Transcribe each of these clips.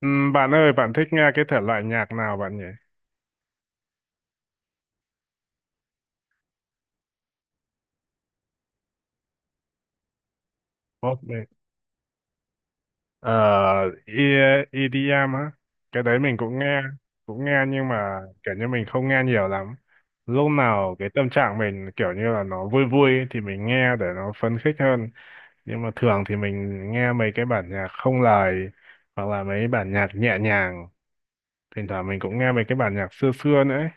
Bạn ơi, bạn thích nghe cái thể loại nhạc nào bạn nhỉ? Pop đi. Ờ, EDM á. Cái đấy mình cũng nghe, nhưng mà kiểu như mình không nghe nhiều lắm. Lúc nào cái tâm trạng mình kiểu như là nó vui vui ấy thì mình nghe để nó phấn khích hơn. Nhưng mà thường thì mình nghe mấy cái bản nhạc không lời hoặc là mấy bản nhạc nhẹ nhàng. Thỉnh thoảng mình cũng nghe mấy cái bản nhạc xưa xưa nữa ấy.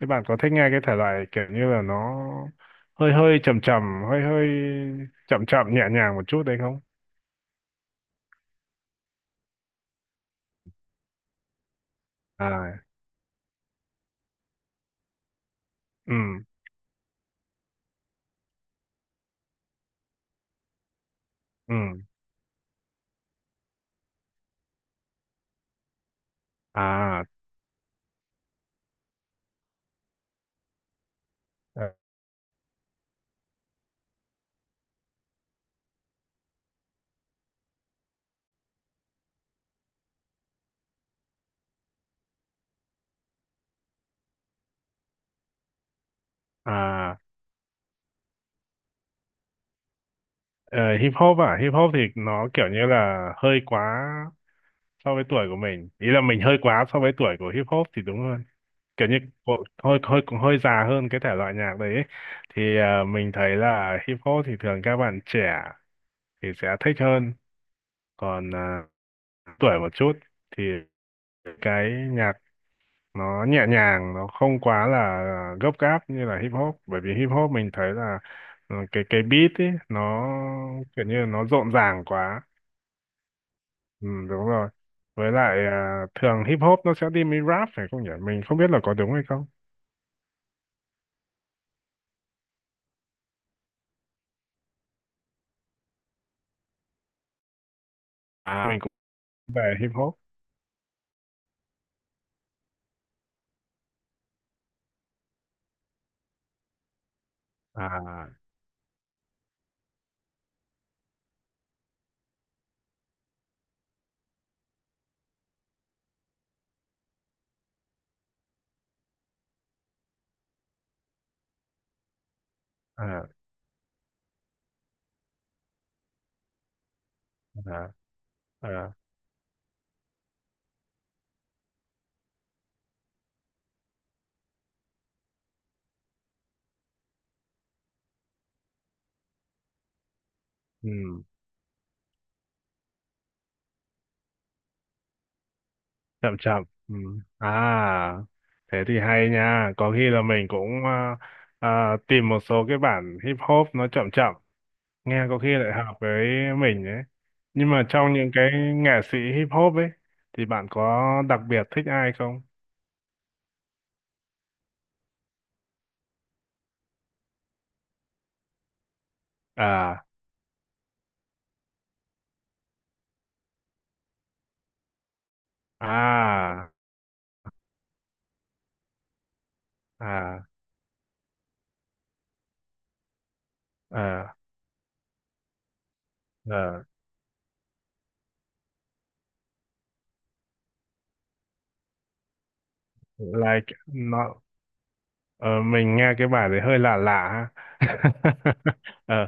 Thế bạn có thích nghe cái thể loại kiểu như là nó hơi hơi trầm trầm, hơi hơi chậm chậm nhẹ nhàng một chút đấy không? À. Ừ. Ừ. À. Ờ. À. ờ, Hip hop à? Hip hop thì nó kiểu như là hơi quá so với tuổi của mình. Ý là mình hơi quá so với tuổi của hip hop thì đúng hơn. Kiểu như hơi hơi cũng hơi già hơn cái thể loại nhạc đấy ấy. Thì mình thấy là hip hop thì thường các bạn trẻ thì sẽ thích hơn, còn tuổi một chút thì cái nhạc nó nhẹ nhàng, nó không quá là gấp gáp như là hip hop, bởi vì hip hop mình thấy là cái beat ấy nó kiểu như là nó rộn ràng quá. Ừ, Đúng rồi. Với lại thường hip hop nó sẽ đi với rap phải không nhỉ, mình không biết là có đúng hay không. Mình cũng về hip hop. À. À. À. À. Ừ, chậm chậm. Ừ. À. Thế thì hay nha, có khi là mình cũng tìm một số cái bản hip hop nó chậm chậm nghe, có khi lại hợp với mình ấy. Nhưng mà trong những cái nghệ sĩ hip hop ấy thì bạn có đặc biệt thích ai không? À à. À. À. À. like nó ờ, mình nghe cái bài đấy hơi lạ lạ ha. ờ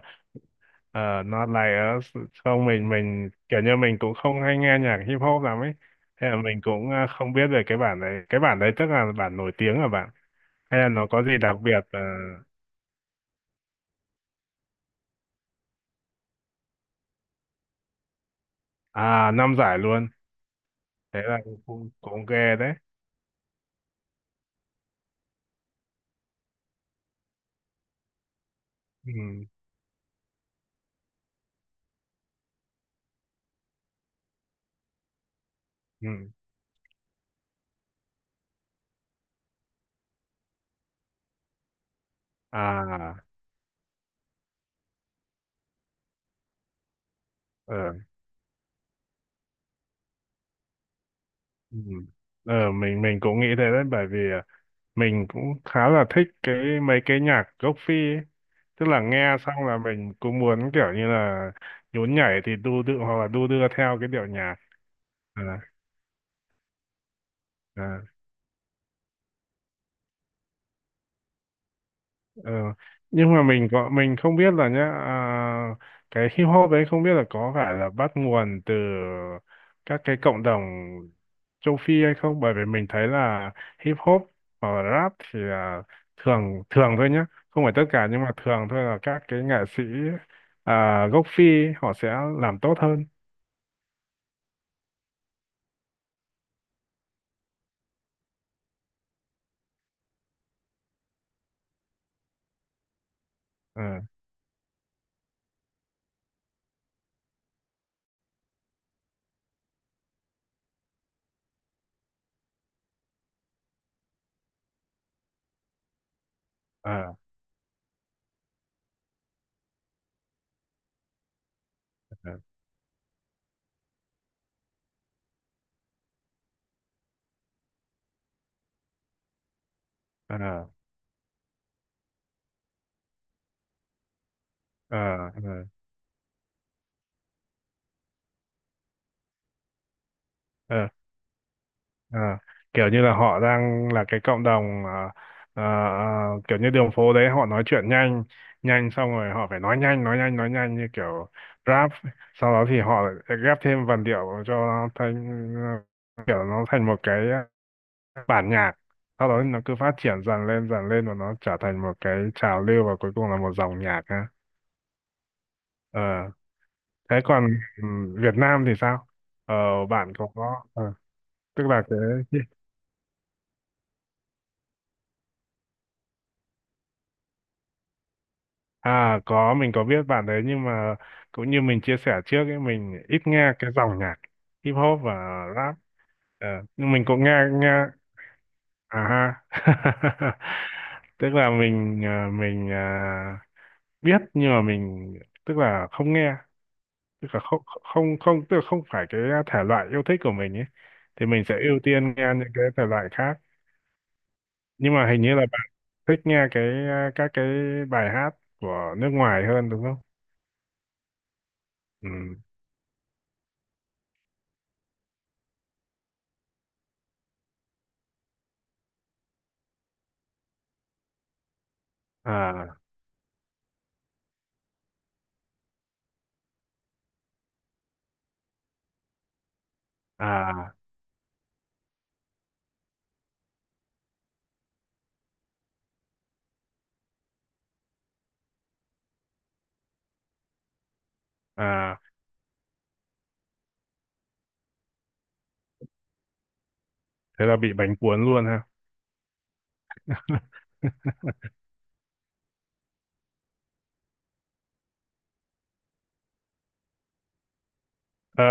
Not like us. Không, mình kiểu như mình cũng không hay nghe nhạc hip hop lắm ấy, hay là mình cũng không biết về cái bản đấy. Cái bản đấy tức là bản nổi tiếng hả bạn, hay là nó có gì đặc biệt? Ờ, À, năm giải luôn? Thế là cũng cũng ghê đấy. Ừ. Ừ. À. Ờ. Ừ. mình cũng nghĩ thế đấy, bởi vì mình cũng khá là thích cái mấy cái nhạc gốc Phi ấy. Tức là nghe xong là mình cũng muốn kiểu như là nhún nhảy thì đu đưa, hoặc là đu đưa theo cái điệu nhạc. À. À. Ờ, nhưng mà mình không biết là nhá, cái hip hop đấy không biết là có phải là bắt nguồn từ các cái cộng đồng châu Phi hay không, bởi vì mình thấy là hip hop hoặc là rap thì là thường thường thôi nhá, không phải tất cả, nhưng mà thường thôi là các cái nghệ sĩ gốc Phi họ sẽ làm tốt hơn. Ờ. Ờ. Ờ. Ờ. Ờ. Ờ. Ờ. Ờ, kiểu như là họ đang là cái cộng đồng, ờ, kiểu như đường phố đấy họ nói chuyện nhanh nhanh, xong rồi họ phải nói nhanh nói nhanh nói nhanh như kiểu rap, sau đó thì họ lại ghép thêm vần điệu cho nó thành ờ, kiểu nó thành một cái bản nhạc, sau đó nó cứ phát triển dần lên và nó trở thành một cái trào lưu, và cuối cùng là một dòng nhạc ha. Ờ, thế còn ừ, Việt Nam thì sao? Ờ, bạn có tức là cái... À, có, mình có biết bạn đấy, nhưng mà cũng như mình chia sẻ trước ấy, mình ít nghe cái dòng nhạc hip hop và rap. Ờ, nhưng mình cũng nghe nghe. À ha. Tức là mình biết, nhưng mà mình tức là không nghe, tức là không không không, tức là không phải cái thể loại yêu thích của mình ấy, thì mình sẽ ưu tiên nghe những cái thể loại khác. Nhưng mà hình như là bạn thích nghe các cái bài hát của nước ngoài hơn đúng không? Ừ. À. À. À, thế là bị bánh cuốn luôn ha. ờ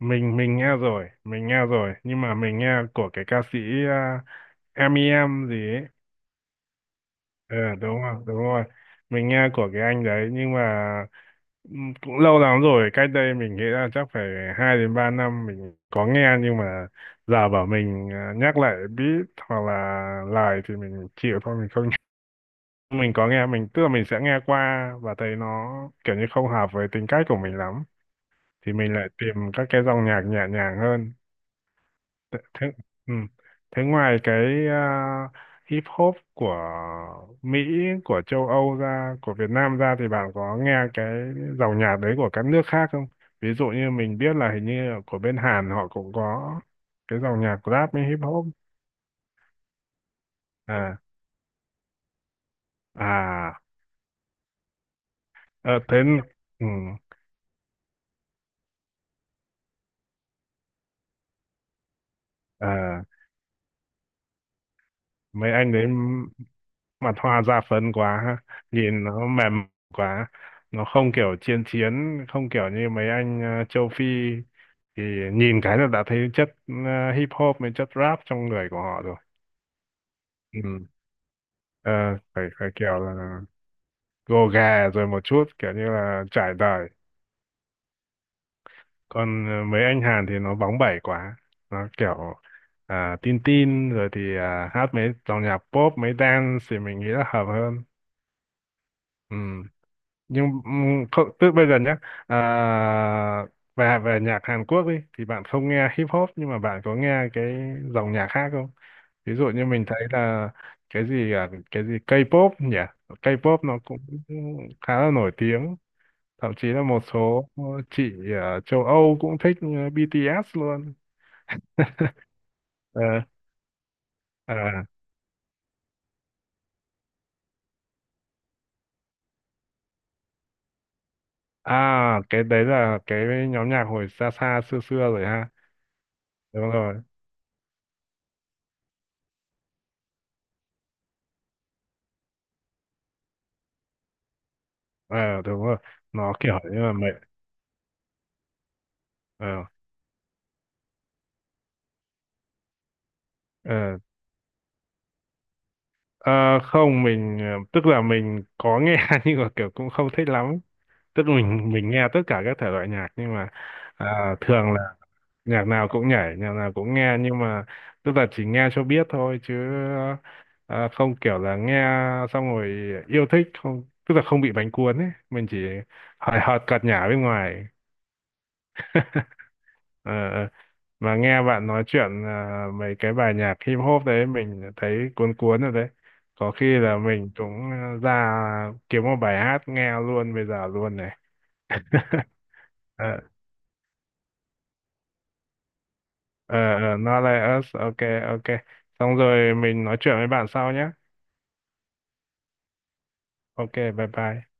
mình nghe rồi, nhưng mà mình nghe của cái ca sĩ à, em i em gì ấy. Ờ, đúng rồi, đúng rồi, mình nghe của cái anh đấy, nhưng mà cũng lâu lắm rồi, cách đây mình nghĩ là chắc phải 2 đến 3 năm mình có nghe, nhưng mà giờ bảo mình nhắc lại beat hoặc là lại thì mình chịu thôi, mình không nghe. Mình có nghe, mình tức là mình sẽ nghe qua và thấy nó kiểu như không hợp với tính cách của mình lắm, thì mình lại tìm các cái dòng nhạc nhẹ nhàng hơn. Thế, thế, ừ, thế ngoài cái hip hop của Mỹ, của châu Âu ra, của Việt Nam ra thì bạn có nghe cái dòng nhạc đấy của các nước khác không? Ví dụ như mình biết là hình như của bên Hàn họ cũng có cái dòng nhạc rap với hip hop. À. À. Ờ. Thế. Ừ. À, mấy anh đấy mặt hoa ra phấn quá ha. Nhìn nó mềm quá, nó không kiểu chiến chiến, không kiểu như mấy anh châu Phi thì nhìn cái là đã thấy chất hip hop với chất rap trong người của họ rồi. Ừ. Ờ, phải phải kiểu là gồ ghề rồi một chút, kiểu như là trải đời, còn mấy anh Hàn thì nó bóng bẩy quá, nó kiểu tin tin rồi thì hát mấy dòng nhạc pop mấy dance thì mình nghĩ là hợp hơn. Ừ. Nhưng không, tức bây giờ nhé, à, về về nhạc Hàn Quốc đi thì bạn không nghe hip hop, nhưng mà bạn có nghe cái dòng nhạc khác không? Ví dụ như mình thấy là cái gì K-pop nhỉ? K-pop nó cũng khá là nổi tiếng, thậm chí là một số chị ở châu Âu cũng thích BTS luôn. Ờ, à, cái đấy là cái nhóm nhạc hồi xa xa xưa xưa rồi ha. Đúng rồi. Ờ, Đúng rồi, nó kiểu như là mẹ. Ờ. Ờ. Ờ, Không, mình tức là mình có nghe nhưng mà kiểu cũng không thích lắm. Tức mình nghe tất cả các thể loại nhạc nhưng mà thường là nhạc nào cũng nhảy, nhạc nào cũng nghe, nhưng mà tức là chỉ nghe cho biết thôi, chứ không kiểu là nghe xong rồi yêu thích, không, tức là không bị bánh cuốn ấy, mình chỉ hời hợt cợt nhả bên ngoài. Ờ, ờ. Mà nghe bạn nói chuyện mấy cái bài nhạc hip hop đấy mình thấy cuốn cuốn rồi đấy, có khi là mình cũng ra kiếm một bài hát nghe luôn bây giờ luôn này. ờ ờ, Not Like Us, ok. Ok, xong rồi mình nói chuyện với bạn sau nhé. Ok, bye bye.